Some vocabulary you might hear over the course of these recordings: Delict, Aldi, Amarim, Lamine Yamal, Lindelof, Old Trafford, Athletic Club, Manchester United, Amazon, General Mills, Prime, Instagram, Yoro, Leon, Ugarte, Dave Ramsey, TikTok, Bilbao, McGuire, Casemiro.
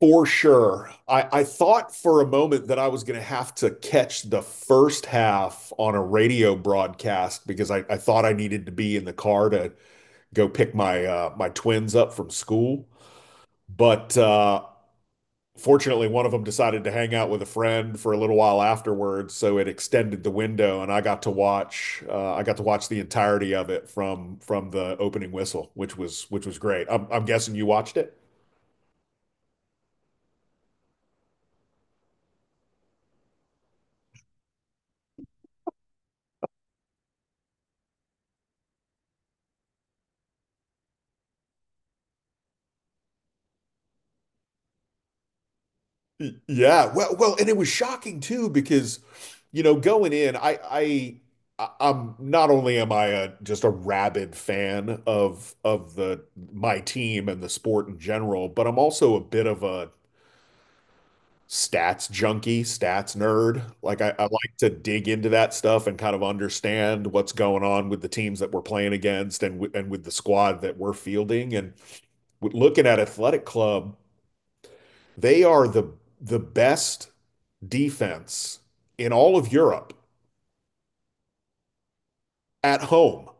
For sure. I thought for a moment that I was going to have to catch the first half on a radio broadcast because I thought I needed to be in the car to go pick my my twins up from school. But fortunately, one of them decided to hang out with a friend for a little while afterwards, so it extended the window, and I got to watch I got to watch the entirety of it from the opening whistle, which was great. I'm guessing you watched it. Yeah, well, and it was shocking too because, you know, going in, I'm not only am I a just a rabid fan of the my team and the sport in general, but I'm also a bit of a stats junkie, stats nerd. Like I like to dig into that stuff and kind of understand what's going on with the teams that we're playing against and w and with the squad that we're fielding. And with looking at Athletic Club, they are the best defense in all of Europe at home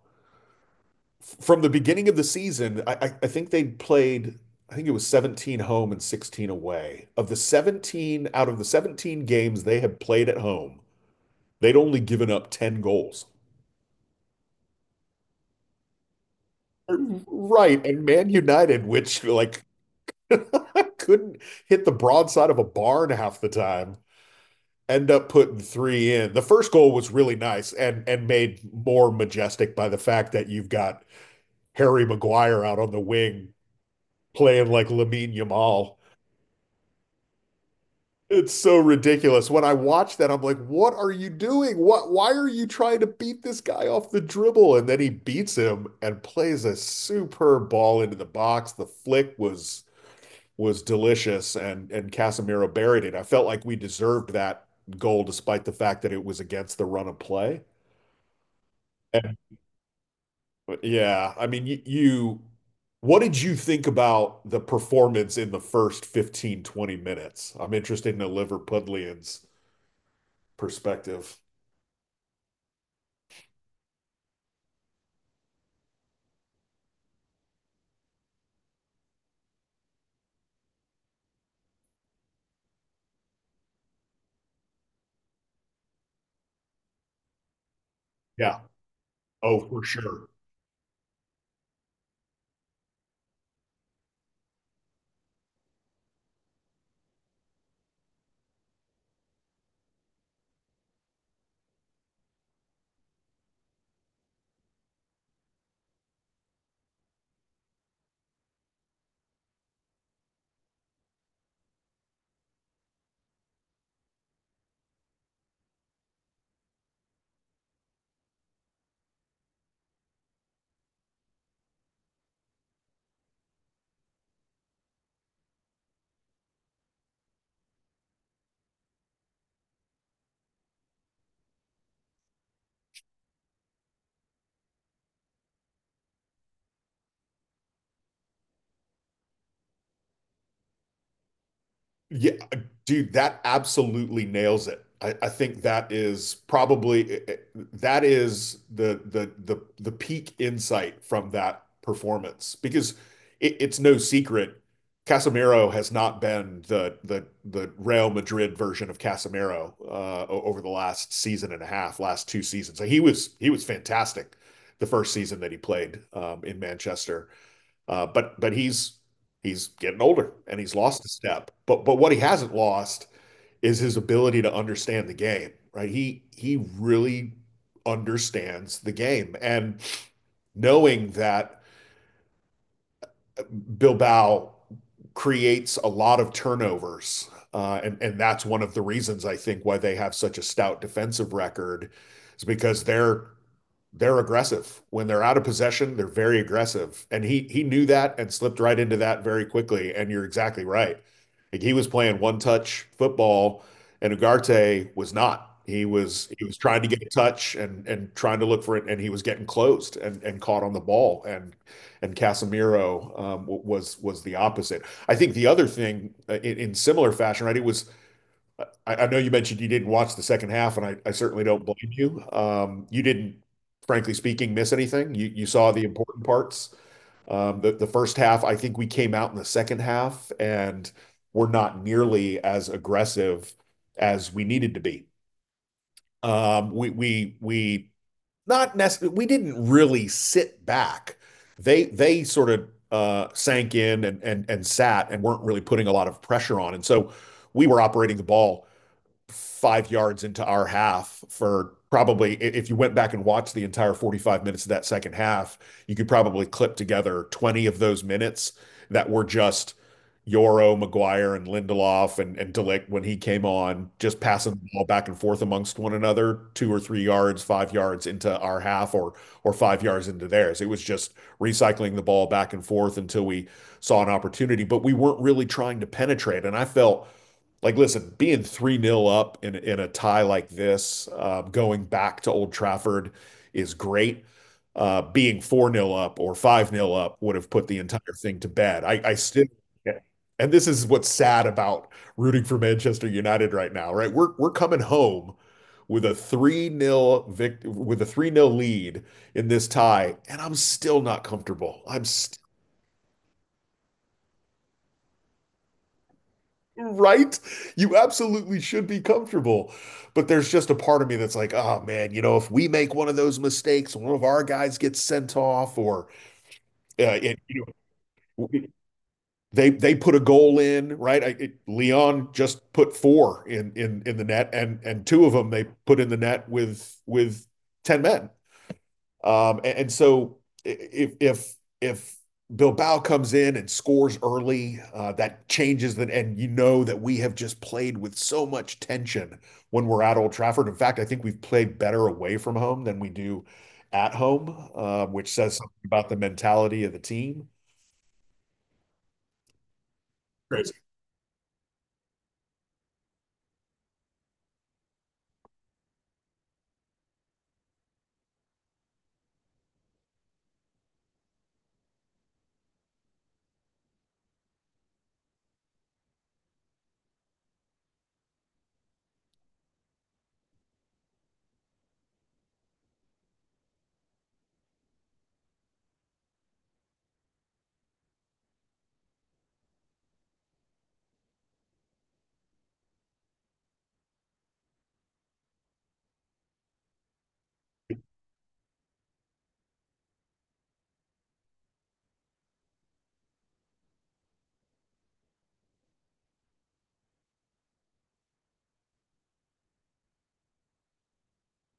from the beginning of the season. I think they played, I think it was 17 home and 16 away. Out of the 17 games they had played at home, they'd only given up 10 goals. Right. And Man United, which like couldn't hit the broadside of a barn half the time, end up putting three in. The first goal was really nice and made more majestic by the fact that you've got Harry Maguire out on the wing playing like Lamine Yamal. It's so ridiculous. When I watch that, I'm like, what are you doing? What, why are you trying to beat this guy off the dribble? And then he beats him and plays a superb ball into the box. The flick was delicious and Casemiro buried it. I felt like we deserved that goal despite the fact that it was against the run of play. Yeah, I mean, you, what did you think about the performance in the first 15, 20 minutes? I'm interested in a Liverpudlian's perspective. Yeah. Oh, for sure. Yeah, dude, that absolutely nails it. I think that is probably that is the peak insight from that performance because it's no secret Casemiro has not been the Real Madrid version of Casemiro over the last season and a half, last two seasons. So he was fantastic the first season that he played in Manchester. But he's getting older and he's lost a step. But what he hasn't lost is his ability to understand the game, right? He really understands the game and knowing that Bilbao creates a lot of turnovers. And that's one of the reasons I think why they have such a stout defensive record is because they're aggressive. When they're out of possession, they're very aggressive. And he knew that and slipped right into that very quickly. And you're exactly right. Like he was playing one touch football and Ugarte was not. He was trying to get a touch and trying to look for it and he was getting closed and caught on the ball and Casemiro was the opposite. I think the other thing in similar fashion, right? It was I know you mentioned you didn't watch the second half, and I certainly don't blame you. You didn't, frankly speaking, miss anything. You saw the important parts. The first half, I think we came out in the second half and were not nearly as aggressive as we needed to be. We not necessarily we didn't really sit back. They sort of sank in and sat and weren't really putting a lot of pressure on, and so we were operating the ball 5 yards into our half for probably, if you went back and watched the entire 45 minutes of that second half, you could probably clip together 20 of those minutes that were just Yoro, McGuire, and Lindelof and Delict when he came on, just passing the ball back and forth amongst one another, 2 or 3 yards, 5 yards into our half or 5 yards into theirs. It was just recycling the ball back and forth until we saw an opportunity, but we weren't really trying to penetrate. And I felt like, listen, being 3 nil up in a tie like this, going back to Old Trafford is great. Being 4 nil up or 5 nil up would have put the entire thing to bed. I still, and this is what's sad about rooting for Manchester United right now, right? We're coming home with a 3 nil vict with a 3 nil lead in this tie, and I'm still not comfortable. I'm still right? You absolutely should be comfortable. But there's just a part of me that's like, oh man, you know, if we make one of those mistakes, one of our guys gets sent off, or it, you know, they put a goal in, right? I, it, Leon just put four in in the net, and two of them they put in the net with ten men. And so if if if Bilbao comes in and scores early, that changes that, and you know that we have just played with so much tension when we're at Old Trafford. In fact, I think we've played better away from home than we do at home, which says something about the mentality of the team.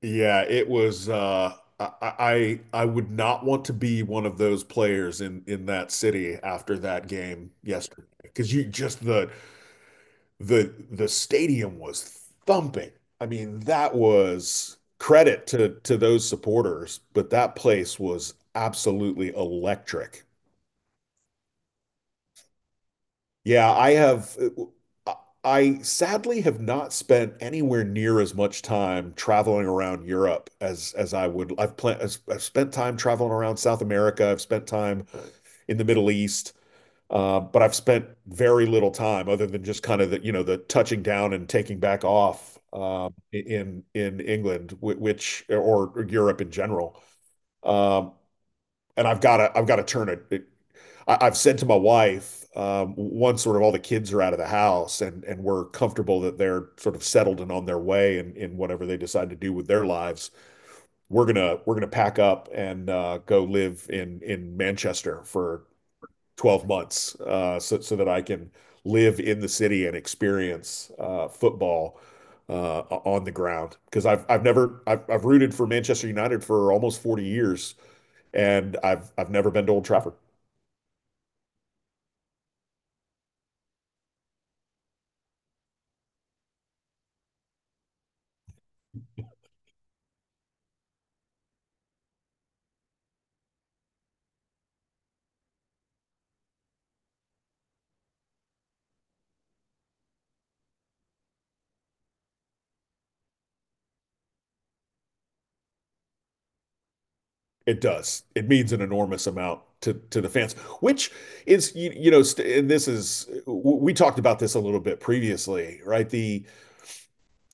Yeah, it was. I would not want to be one of those players in that city after that game yesterday because you just the stadium was thumping. I mean, that was credit to those supporters, but that place was absolutely electric. Yeah, I have uh, I sadly have not spent anywhere near as much time traveling around Europe as I would. I've planned. I've spent time traveling around South America. I've spent time in the Middle East. But I've spent very little time other than just kind of the, you know, the touching down and taking back off in England, which or Europe in general. Um, And I've got to turn it. I've said to my wife, once sort of all the kids are out of the house and we're comfortable that they're sort of settled and on their way and in whatever they decide to do with their lives, we're gonna pack up and go live in Manchester for 12 months so that I can live in the city and experience football on the ground. Because I've never, I've rooted for Manchester United for almost 40 years and I've never been to Old Trafford. It does. It means an enormous amount to the fans, which is, you know, st and this is, we talked about this a little bit previously, right? The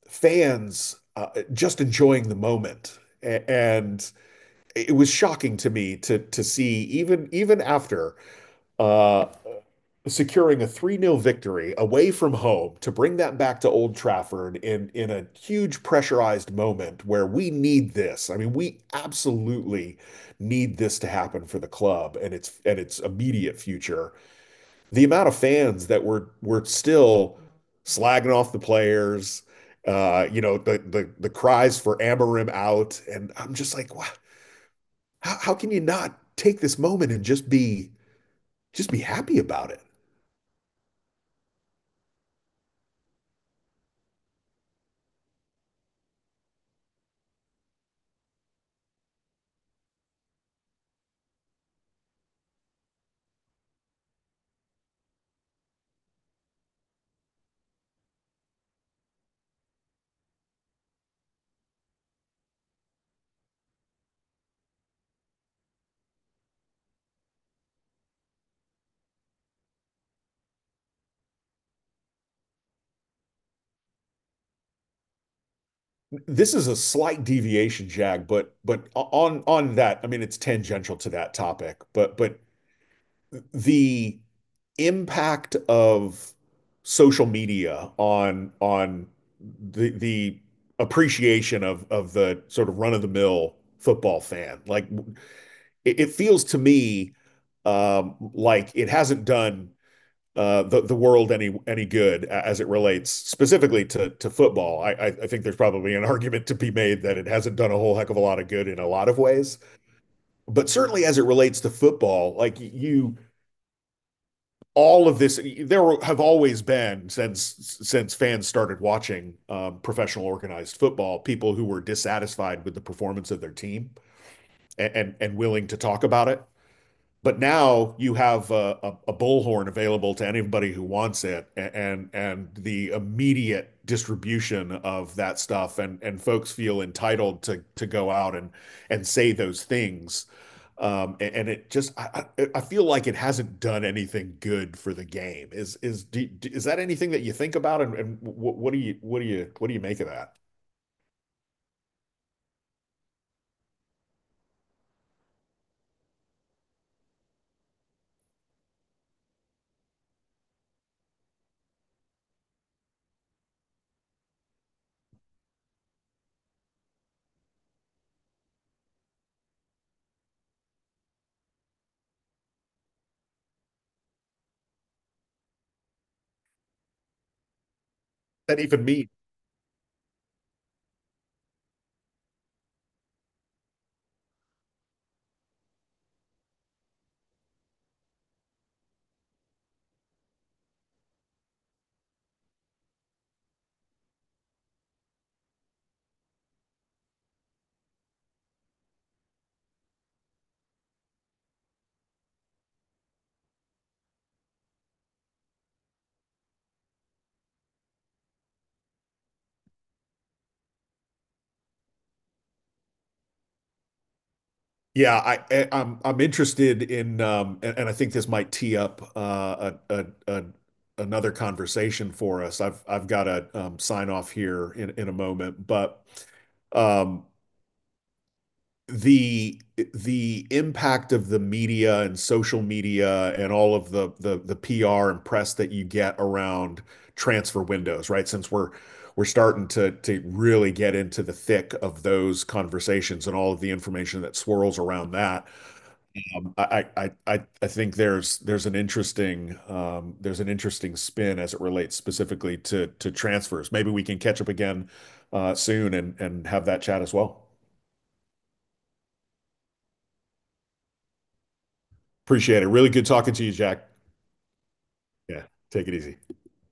fans just enjoying the moment. And it was shocking to me to see even after uh, securing a 3 nil victory away from home to bring that back to Old Trafford in a huge pressurized moment where we need this. I mean, we absolutely need this to happen for the club and its immediate future. The amount of fans that were still slagging off the players, you know, the cries for Amarim out, and I'm just like, wow, how can you not take this moment and just be happy about it? This is a slight deviation, Jag, but on that, I mean it's tangential to that topic, but the impact of social media on the appreciation of the sort of run of the mill football fan. Like it feels to me like it hasn't done the world any good as it relates specifically to football. I think there's probably an argument to be made that it hasn't done a whole heck of a lot of good in a lot of ways. But certainly as it relates to football, like you, all of this, there have always been, since fans started watching professional organized football, people who were dissatisfied with the performance of their team and and willing to talk about it. But now you have a bullhorn available to anybody who wants it, and the immediate distribution of that stuff, and folks feel entitled to go out and say those things. And it just I feel like it hasn't done anything good for the game. Is that anything that you think about, and what do you make of that? Does that even mean? Yeah, I am I'm interested in and I think this might tee up a another conversation for us. I've got to sign off here in a moment, but um the the impact of the media and social media and all of the PR and press that you get around transfer windows, right? Since we're starting to really get into the thick of those conversations and all of the information that swirls around that I think there's an interesting there's an interesting spin as it relates specifically to transfers. Maybe we can catch up again soon and have that chat as well. Appreciate it. Really good talking to you, Jack. Yeah, take it easy.